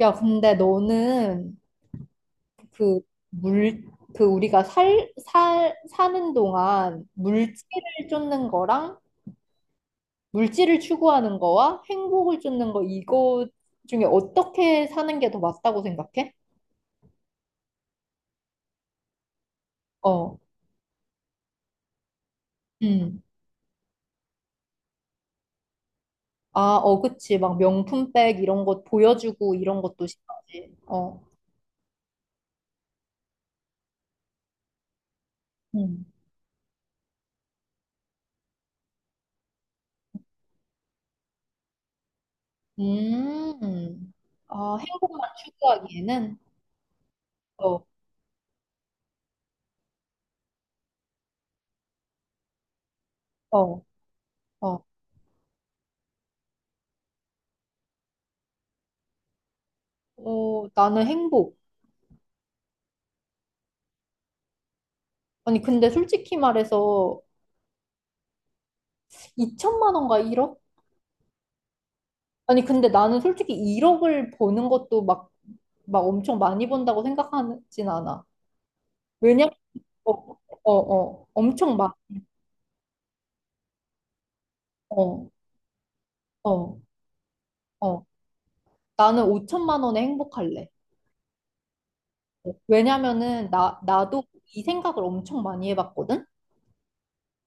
야, 근데 너는 그 물, 그 우리가 사는 동안 물질을 쫓는 거랑 물질을 추구하는 거와 행복을 쫓는 거 이거 중에 어떻게 사는 게 더 맞다고 생각해? 어, 음. 아, 어, 그치. 막 명품백 이런 것 보여주고 이런 것도 싫어하지. 어, 음. 음. 아, 행복만 추구하기에는? 어, 어, 어. 어, 나는 행복. 아니, 근데 솔직히 말해서 2천만 원과 1억? 아니, 근데 나는 솔직히 1억을 버는 것도 막 엄청 많이 번다고 생각하진 않아. 왜냐면, 어, 엄청 많, 어, 어, 어. 나는 5천만 원에 행복할래. 왜냐면은, 나도 이 생각을 엄청 많이 해봤거든?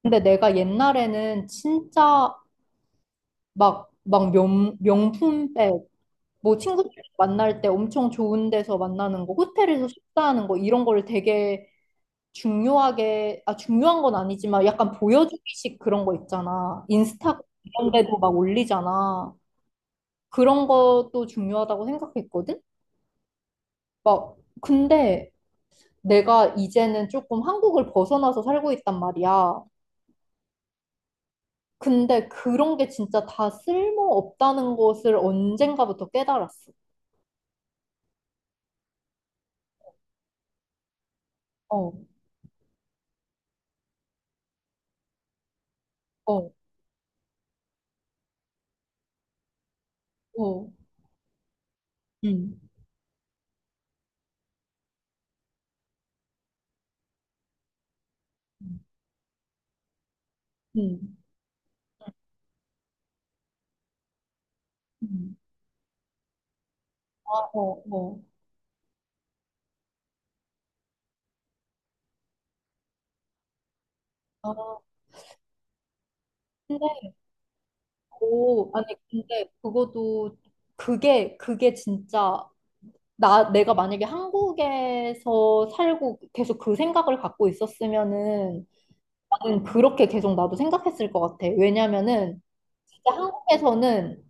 근데 내가 옛날에는 진짜 막 명품백, 뭐 친구들 만날 때 엄청 좋은 데서 만나는 거, 호텔에서 식사하는 거 이런 거를 되게 중요하게 중요한 건 아니지만 약간 보여주기식 그런 거 있잖아. 인스타 이런 데도 막 올리잖아. 그런 것도 중요하다고 생각했거든. 막 근데 내가 이제는 조금 한국을 벗어나서 살고 있단 말이야. 근데 그런 게 진짜 다 쓸모없다는 것을 언젠가부터 깨달았어. 어, 어, 어. 음, 음. 음. 아, 어, 어. 아, 근데, 오, 아니, 근데 그것도, 그게 진짜, 내가 만약에 한국에서 살고 계속 그 생각을 갖고 있었으면은, 나는 그렇게 계속 나도 생각했을 것 같아. 왜냐면은, 진짜 한국에서는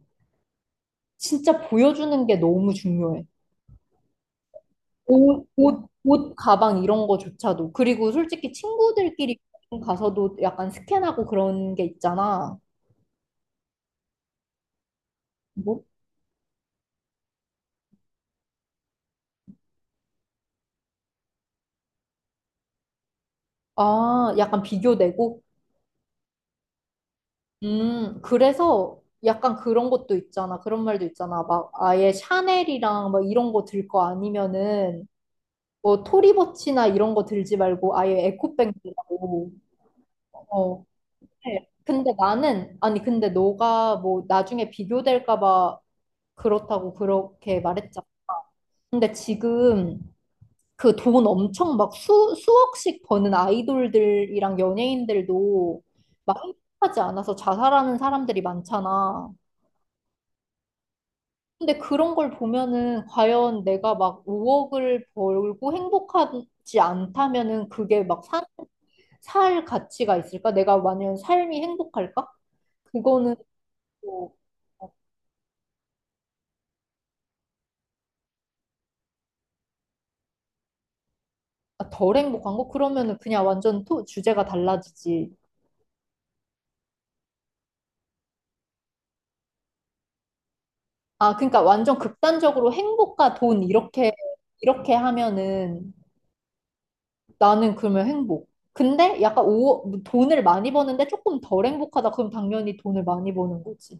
진짜 보여주는 게 너무 중요해. 옷, 가방 이런 거조차도. 그리고 솔직히 친구들끼리 가서도 약간 스캔하고 그런 게 있잖아. 뭐? 아, 약간 비교되고. 그래서 약간 그런 것도 있잖아. 그런 말도 있잖아. 막 아예 샤넬이랑 막 이런 거 들 거 아니면은 뭐 토리버치나 이런 거 들지 말고 아예 에코백 들라고. 어. 네. 근데 나는 아니 근데 너가 뭐 나중에 비교될까 봐 그렇다고 그렇게 말했잖아. 근데 지금 그 돈 엄청 막 수억씩 버는 아이돌들이랑 연예인들도 막 행복하지 않아서 자살하는 사람들이 많잖아. 근데 그런 걸 보면은 과연 내가 막 5억을 벌고 행복하지 않다면은 그게 막 살 가치가 있을까? 내가 만약 삶이 행복할까? 그거는 또 덜 행복한 거? 그러면은 그냥 완전 주제가 달라지지. 아, 그러니까 완전 극단적으로 행복과 돈 이렇게 하면은 나는 그러면 행복. 근데 약간 오, 돈을 많이 버는데 조금 덜 행복하다. 그럼 당연히 돈을 많이 버는 거지.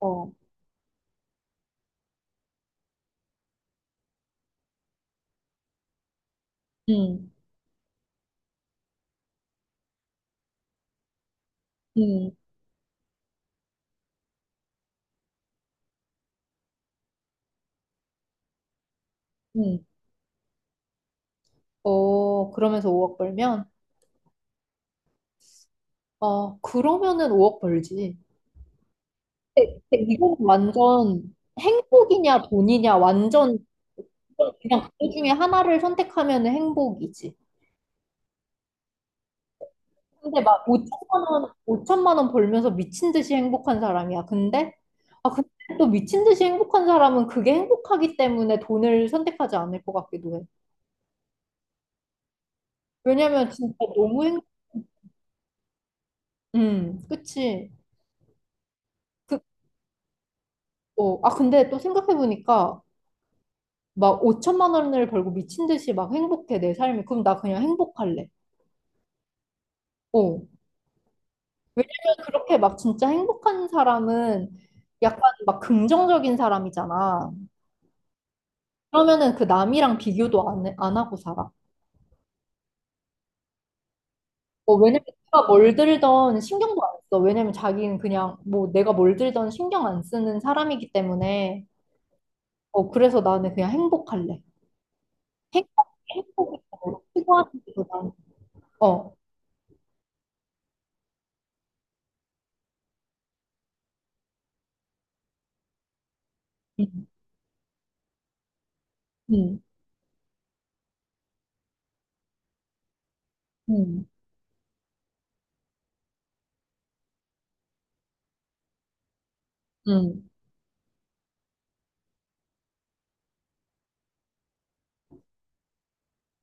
어. 음. 음. 음. 어, 그러면서 5억 벌면? 어, 그러면은 5억 벌지. 근데 이건 완전 행복이냐 돈이냐 완전 그냥 그 중에 하나를 선택하면 행복이지. 근데 막 5천만 원 벌면서 미친 듯이 행복한 사람이야. 근데 또 미친 듯이 행복한 사람은 그게 행복하기 때문에 돈을 선택하지 않을 것 같기도 해. 왜냐면 진짜 너무 그치. 그, 근데 또 생각해보니까 막 5천만 원을 벌고 미친 듯이 막 행복해, 내 삶이. 그럼 나 그냥 행복할래. 어. 왜냐면 그렇게 막 진짜 행복한 사람은 약간 막 긍정적인 사람이잖아. 그러면은 그 남이랑 비교도 안 하고 살아. 어, 왜냐면 내가 뭘 들던 신경도 안 써. 왜냐면 자기는 그냥 뭐 내가 뭘 들던 신경 안 쓰는 사람이기 때문에 그래서 나는 그냥 행복할래. 행복이 더 필요한 게더 나은 어. 음, 음, 음, 음,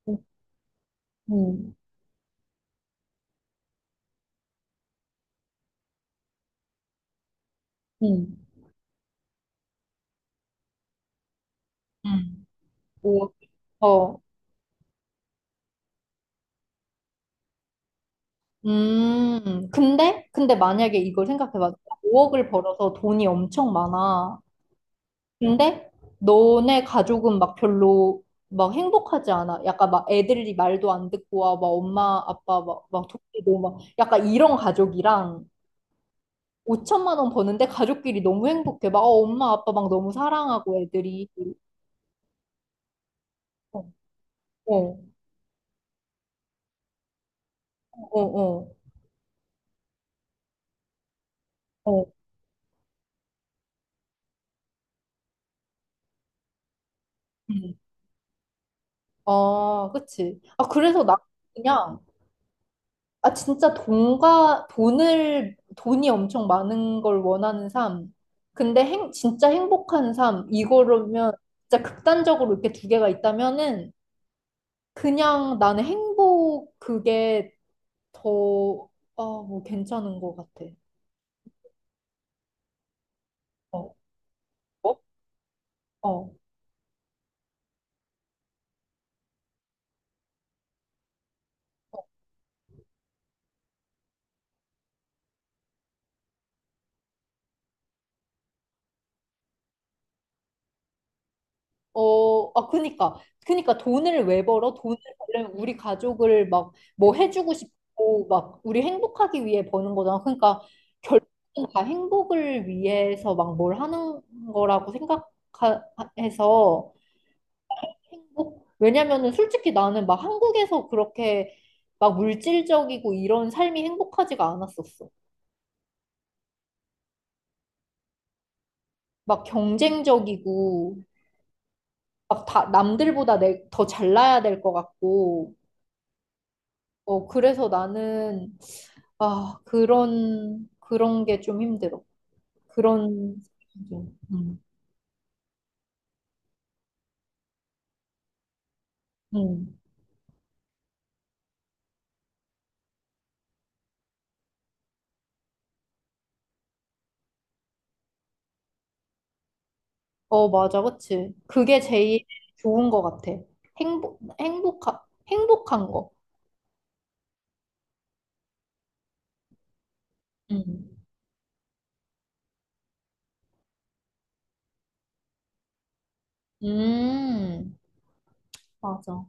음. 음. 음. 음. 오, 어. 음. 근데 만약에 이걸 생각해봐. 5억을 벌어서 돈이 엄청 많아. 근데 너네 가족은 막 별로 막 행복하지 않아. 약간 막 애들이 말도 안 듣고 와, 막 엄마 아빠 막막 돕기도 막 약간 이런 가족이랑 5천만 원 버는데 가족끼리 너무 행복해. 막 어, 엄마 아빠 막 너무 사랑하고 애들이 어, 어, 어, 어, 어. 음. 아, 그치. 아, 그래서 나 그냥 진짜 돈이 엄청 많은 걸 원하는 삶. 근데 진짜 행복한 삶. 이거라면, 진짜 극단적으로 이렇게 두 개가 있다면은, 그냥 나는 행복, 그게 더, 뭐, 괜찮은 것 같아. 어, 어? 어. 어, 아, 그니까. 그니까 돈을 왜 벌어? 돈을 벌려면 우리 가족을 막 뭐 해주고 싶고, 막 우리 행복하기 위해 버는 거잖아. 그러니까 결국은 다 행복을 위해서 막 뭘 하는 거라고 생각해서 행복? 왜냐면은 솔직히 나는 막 한국에서 그렇게 막 물질적이고 이런 삶이 행복하지가 않았었어. 막 경쟁적이고, 막 다 남들보다 더 잘나야 될 것 같고. 어, 그래서 나는, 그런 게 좀 힘들어. 그런, 좀, 음. 어, 맞아, 그치. 그게 제일 좋은 것 같아. 행복, 행복한, 행복한 거. 음, 음, 맞아.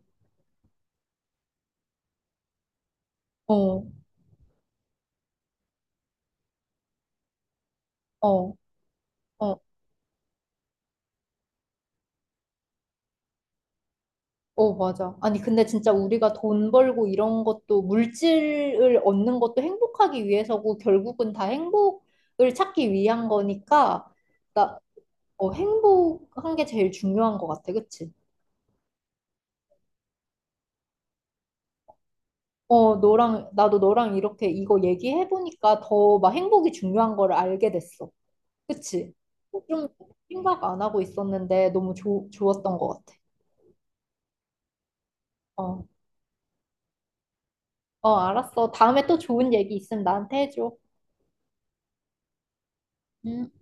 어, 어, 어, 어, 맞아. 아니, 근데 진짜 우리가 돈 벌고 이런 것도, 물질을 얻는 것도 행복하기 위해서고, 결국은 다 행복을 찾기 위한 거니까, 나, 행복한 게 제일 중요한 것 같아, 그치? 어, 나도 너랑 이렇게 이거 얘기해보니까 더 막 행복이 중요한 거를 알게 됐어. 그치? 어, 좀 생각 안 하고 있었는데 너무 좋 좋았던 것 같아. 어, 어, 알았어. 다음에 또 좋은 얘기 있으면 나한테 해줘. 응.